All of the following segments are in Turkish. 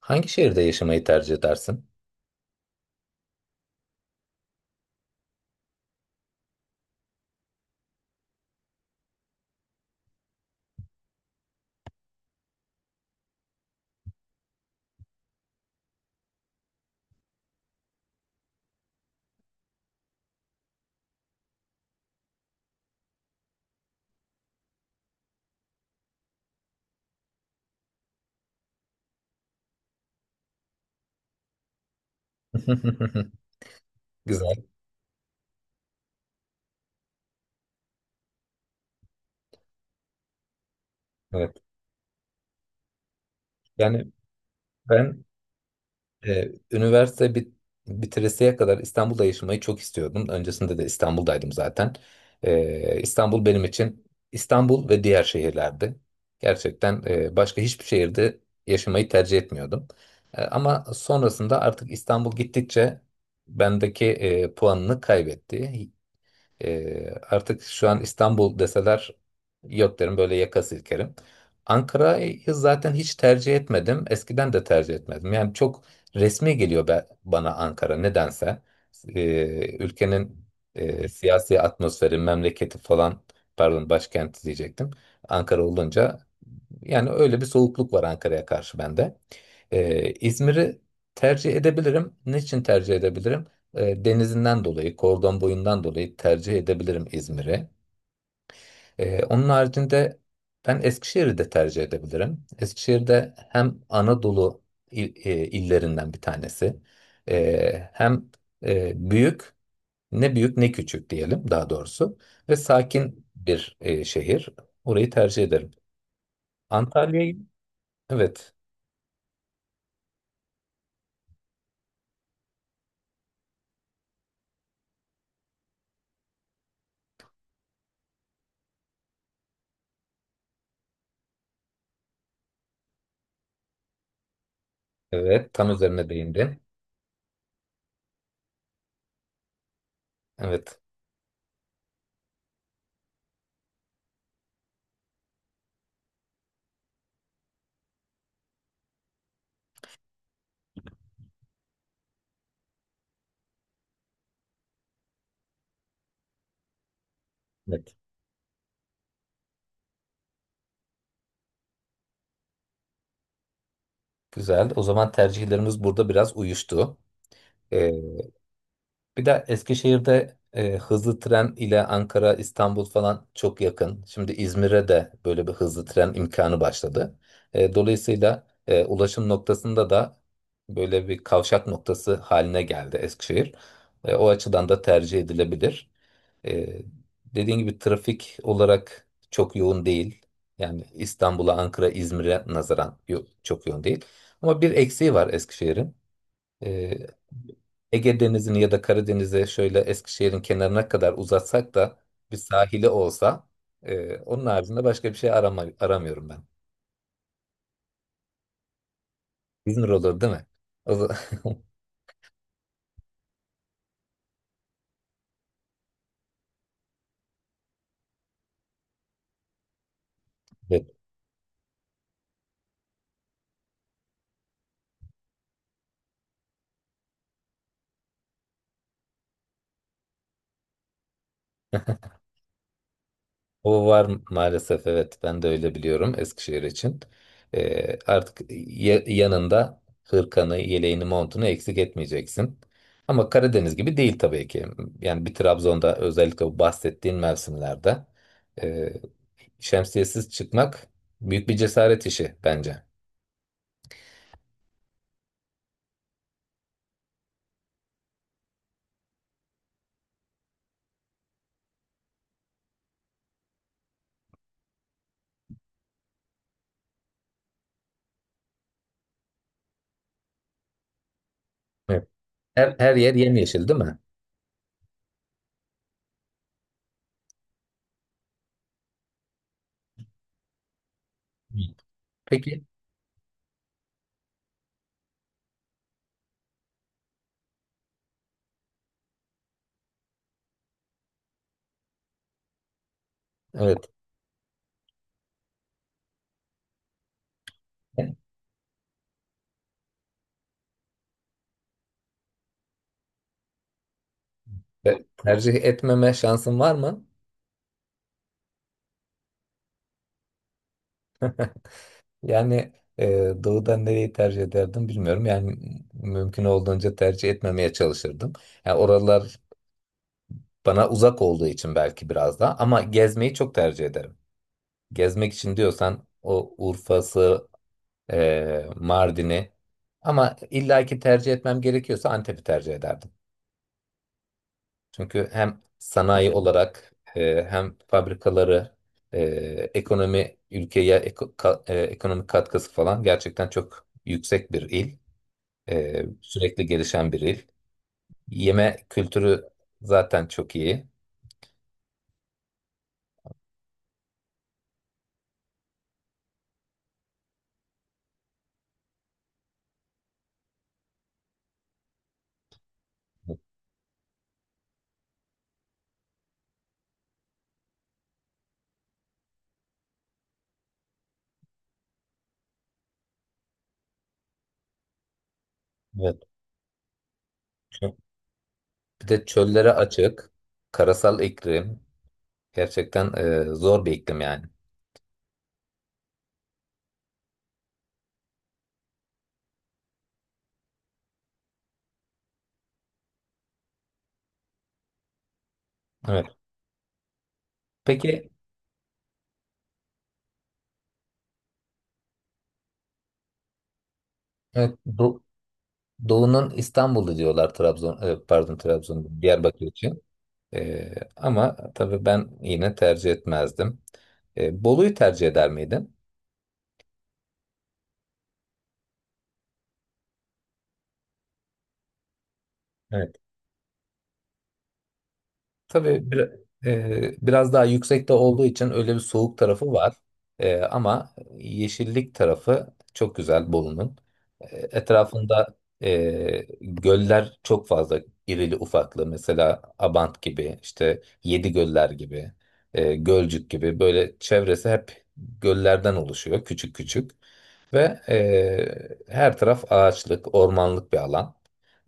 Hangi şehirde yaşamayı tercih edersin? Güzel. Evet. Yani ben üniversite bitiresiye kadar İstanbul'da yaşamayı çok istiyordum. Öncesinde de İstanbul'daydım zaten. İstanbul benim için İstanbul ve diğer şehirlerdi. Gerçekten başka hiçbir şehirde yaşamayı tercih etmiyordum. Ama sonrasında artık İstanbul gittikçe bendeki puanını kaybetti. Artık şu an İstanbul deseler yok derim, böyle yaka silkerim. Ankara'yı zaten hiç tercih etmedim. Eskiden de tercih etmedim. Yani çok resmi geliyor bana Ankara, nedense. Ülkenin siyasi atmosferi, memleketi falan, pardon, başkenti diyecektim. Ankara olunca, yani, öyle bir soğukluk var Ankara'ya karşı bende. İzmir'i tercih edebilirim. Niçin tercih edebilirim? Denizinden dolayı, kordon boyundan dolayı tercih edebilirim İzmir'i. Onun haricinde ben Eskişehir'i de tercih edebilirim. Eskişehir'de hem Anadolu illerinden bir tanesi, hem büyük, ne büyük ne küçük diyelim daha doğrusu, ve sakin bir şehir. Orayı tercih ederim. Antalya'yı, evet. Evet, tam üzerine değindin. Evet, evet. Güzel. O zaman tercihlerimiz burada biraz uyuştu. Ee, bir de Eskişehir'de hızlı tren ile Ankara, İstanbul falan çok yakın. Şimdi İzmir'e de böyle bir hızlı tren imkanı başladı. Dolayısıyla ulaşım noktasında da böyle bir kavşak noktası haline geldi Eskişehir. O açıdan da tercih edilebilir. Ee, dediğin gibi trafik olarak çok yoğun değil. Yani İstanbul'a, Ankara, İzmir'e nazaran çok yoğun değil. Ama bir eksiği var Eskişehir'in. Ee, Ege Denizi'ni ya da Karadeniz'e şöyle Eskişehir'in kenarına kadar uzatsak da bir sahili olsa, onun haricinde başka bir şey aramıyorum ben. İzmir olur değil mi? O zaman- O var maalesef, evet, ben de öyle biliyorum Eskişehir için. Artık yanında hırkanı, yeleğini, montunu eksik etmeyeceksin. Ama Karadeniz gibi değil tabii ki. Yani bir Trabzon'da özellikle bu bahsettiğin mevsimlerde e, şemsiyesiz çıkmak büyük bir cesaret işi bence. Evet. Her yer yemyeşil değil mi? Hı. Peki. Evet. Tercih etmeme şansın var mı? Yani doğudan nereyi tercih ederdim bilmiyorum. Yani mümkün olduğunca tercih etmemeye çalışırdım. Yani oralar bana uzak olduğu için belki biraz daha, ama gezmeyi çok tercih ederim. Gezmek için diyorsan o Urfa'sı, Mardin'i, ama illaki tercih etmem gerekiyorsa Antep'i tercih ederdim. Çünkü hem sanayi olarak, hem fabrikaları, e, ekonomi, ülkeye ekonomik katkısı falan gerçekten çok yüksek bir il. Sürekli gelişen bir il. Yeme kültürü zaten çok iyi. Evet. Çö- Bir de çöllere açık, karasal iklim. Gerçekten zor bir iklim yani. Evet. Peki, evet, Doğu'nun İstanbul'u diyorlar Trabzon, pardon, Trabzon, Diyarbakır için. Ama tabii ben yine tercih etmezdim. Bolu'yu tercih eder miydin? Evet. Tabii biraz daha yüksekte olduğu için öyle bir soğuk tarafı var. Ama yeşillik tarafı çok güzel Bolu'nun. E, etrafında göller çok fazla, irili ufaklı. Mesela Abant gibi, işte Yedi Göller gibi, Gölcük gibi, böyle çevresi hep göllerden oluşuyor, küçük küçük. Ve her taraf ağaçlık, ormanlık bir alan.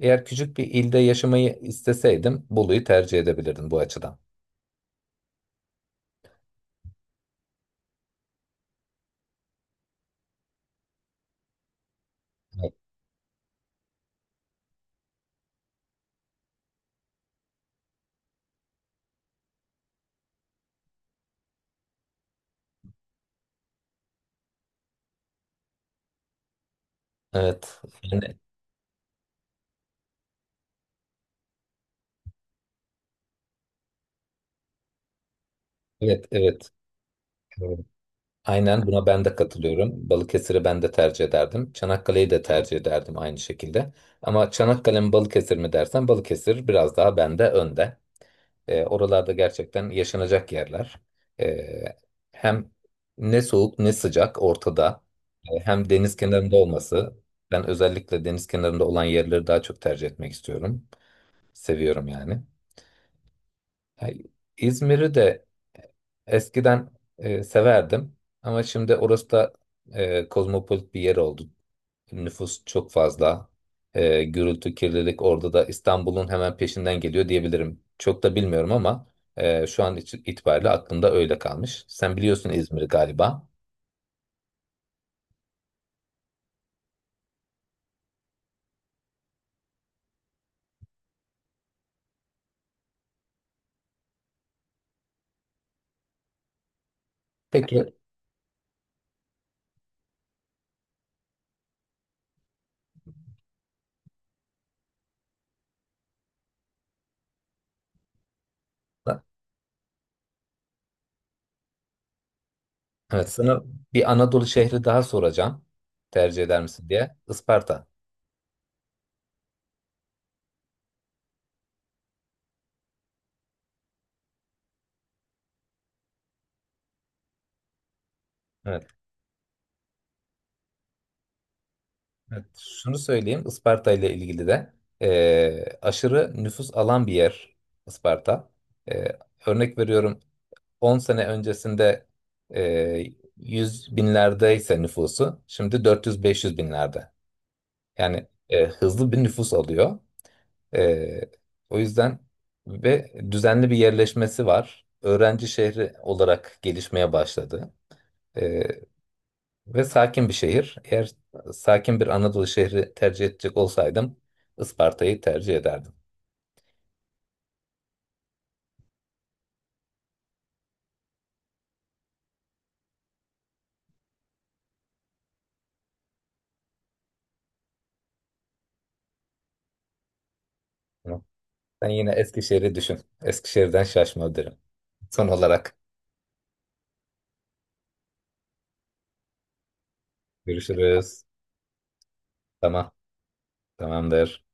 Eğer küçük bir ilde yaşamayı isteseydim Bolu'yu tercih edebilirdim bu açıdan. Evet, evet, yani, evet, evet. Evet. Aynen, buna ben de katılıyorum. Balıkesir'i ben de tercih ederdim. Çanakkale'yi de tercih ederdim aynı şekilde. Ama Çanakkale mi Balıkesir mi dersen, Balıkesir biraz daha bende önde. Oralarda gerçekten yaşanacak yerler. E, hem ne soğuk ne sıcak, ortada. Hem deniz kenarında olması. Ben özellikle deniz kenarında olan yerleri daha çok tercih etmek istiyorum. Seviyorum yani. Ha, İzmir'i de eskiden severdim. Ama şimdi orası da kozmopolit bir yer oldu. Nüfus çok fazla. Gürültü, kirlilik orada da İstanbul'un hemen peşinden geliyor diyebilirim. Çok da bilmiyorum ama şu an için itibariyle aklımda öyle kalmış. Sen biliyorsun İzmir'i galiba. Peki. Evet, sana bir Anadolu şehri daha soracağım. Tercih eder misin diye. Isparta. Evet, evet. Şunu söyleyeyim. Isparta ile ilgili de aşırı nüfus alan bir yer Isparta. E, örnek veriyorum, on sene öncesinde e, 100 binlerdeyse nüfusu, şimdi 400-500 binlerde. Yani hızlı bir nüfus alıyor. E, o yüzden ve düzenli bir yerleşmesi var. Öğrenci şehri olarak gelişmeye başladı. E, ve sakin bir şehir. Eğer sakin bir Anadolu şehri tercih edecek olsaydım, Isparta'yı tercih ederdim. Ama sen yine Eskişehir'i düşün. Eskişehir'den şaşma derim. Son olarak görüşürüz. Tamam. Tamamdır.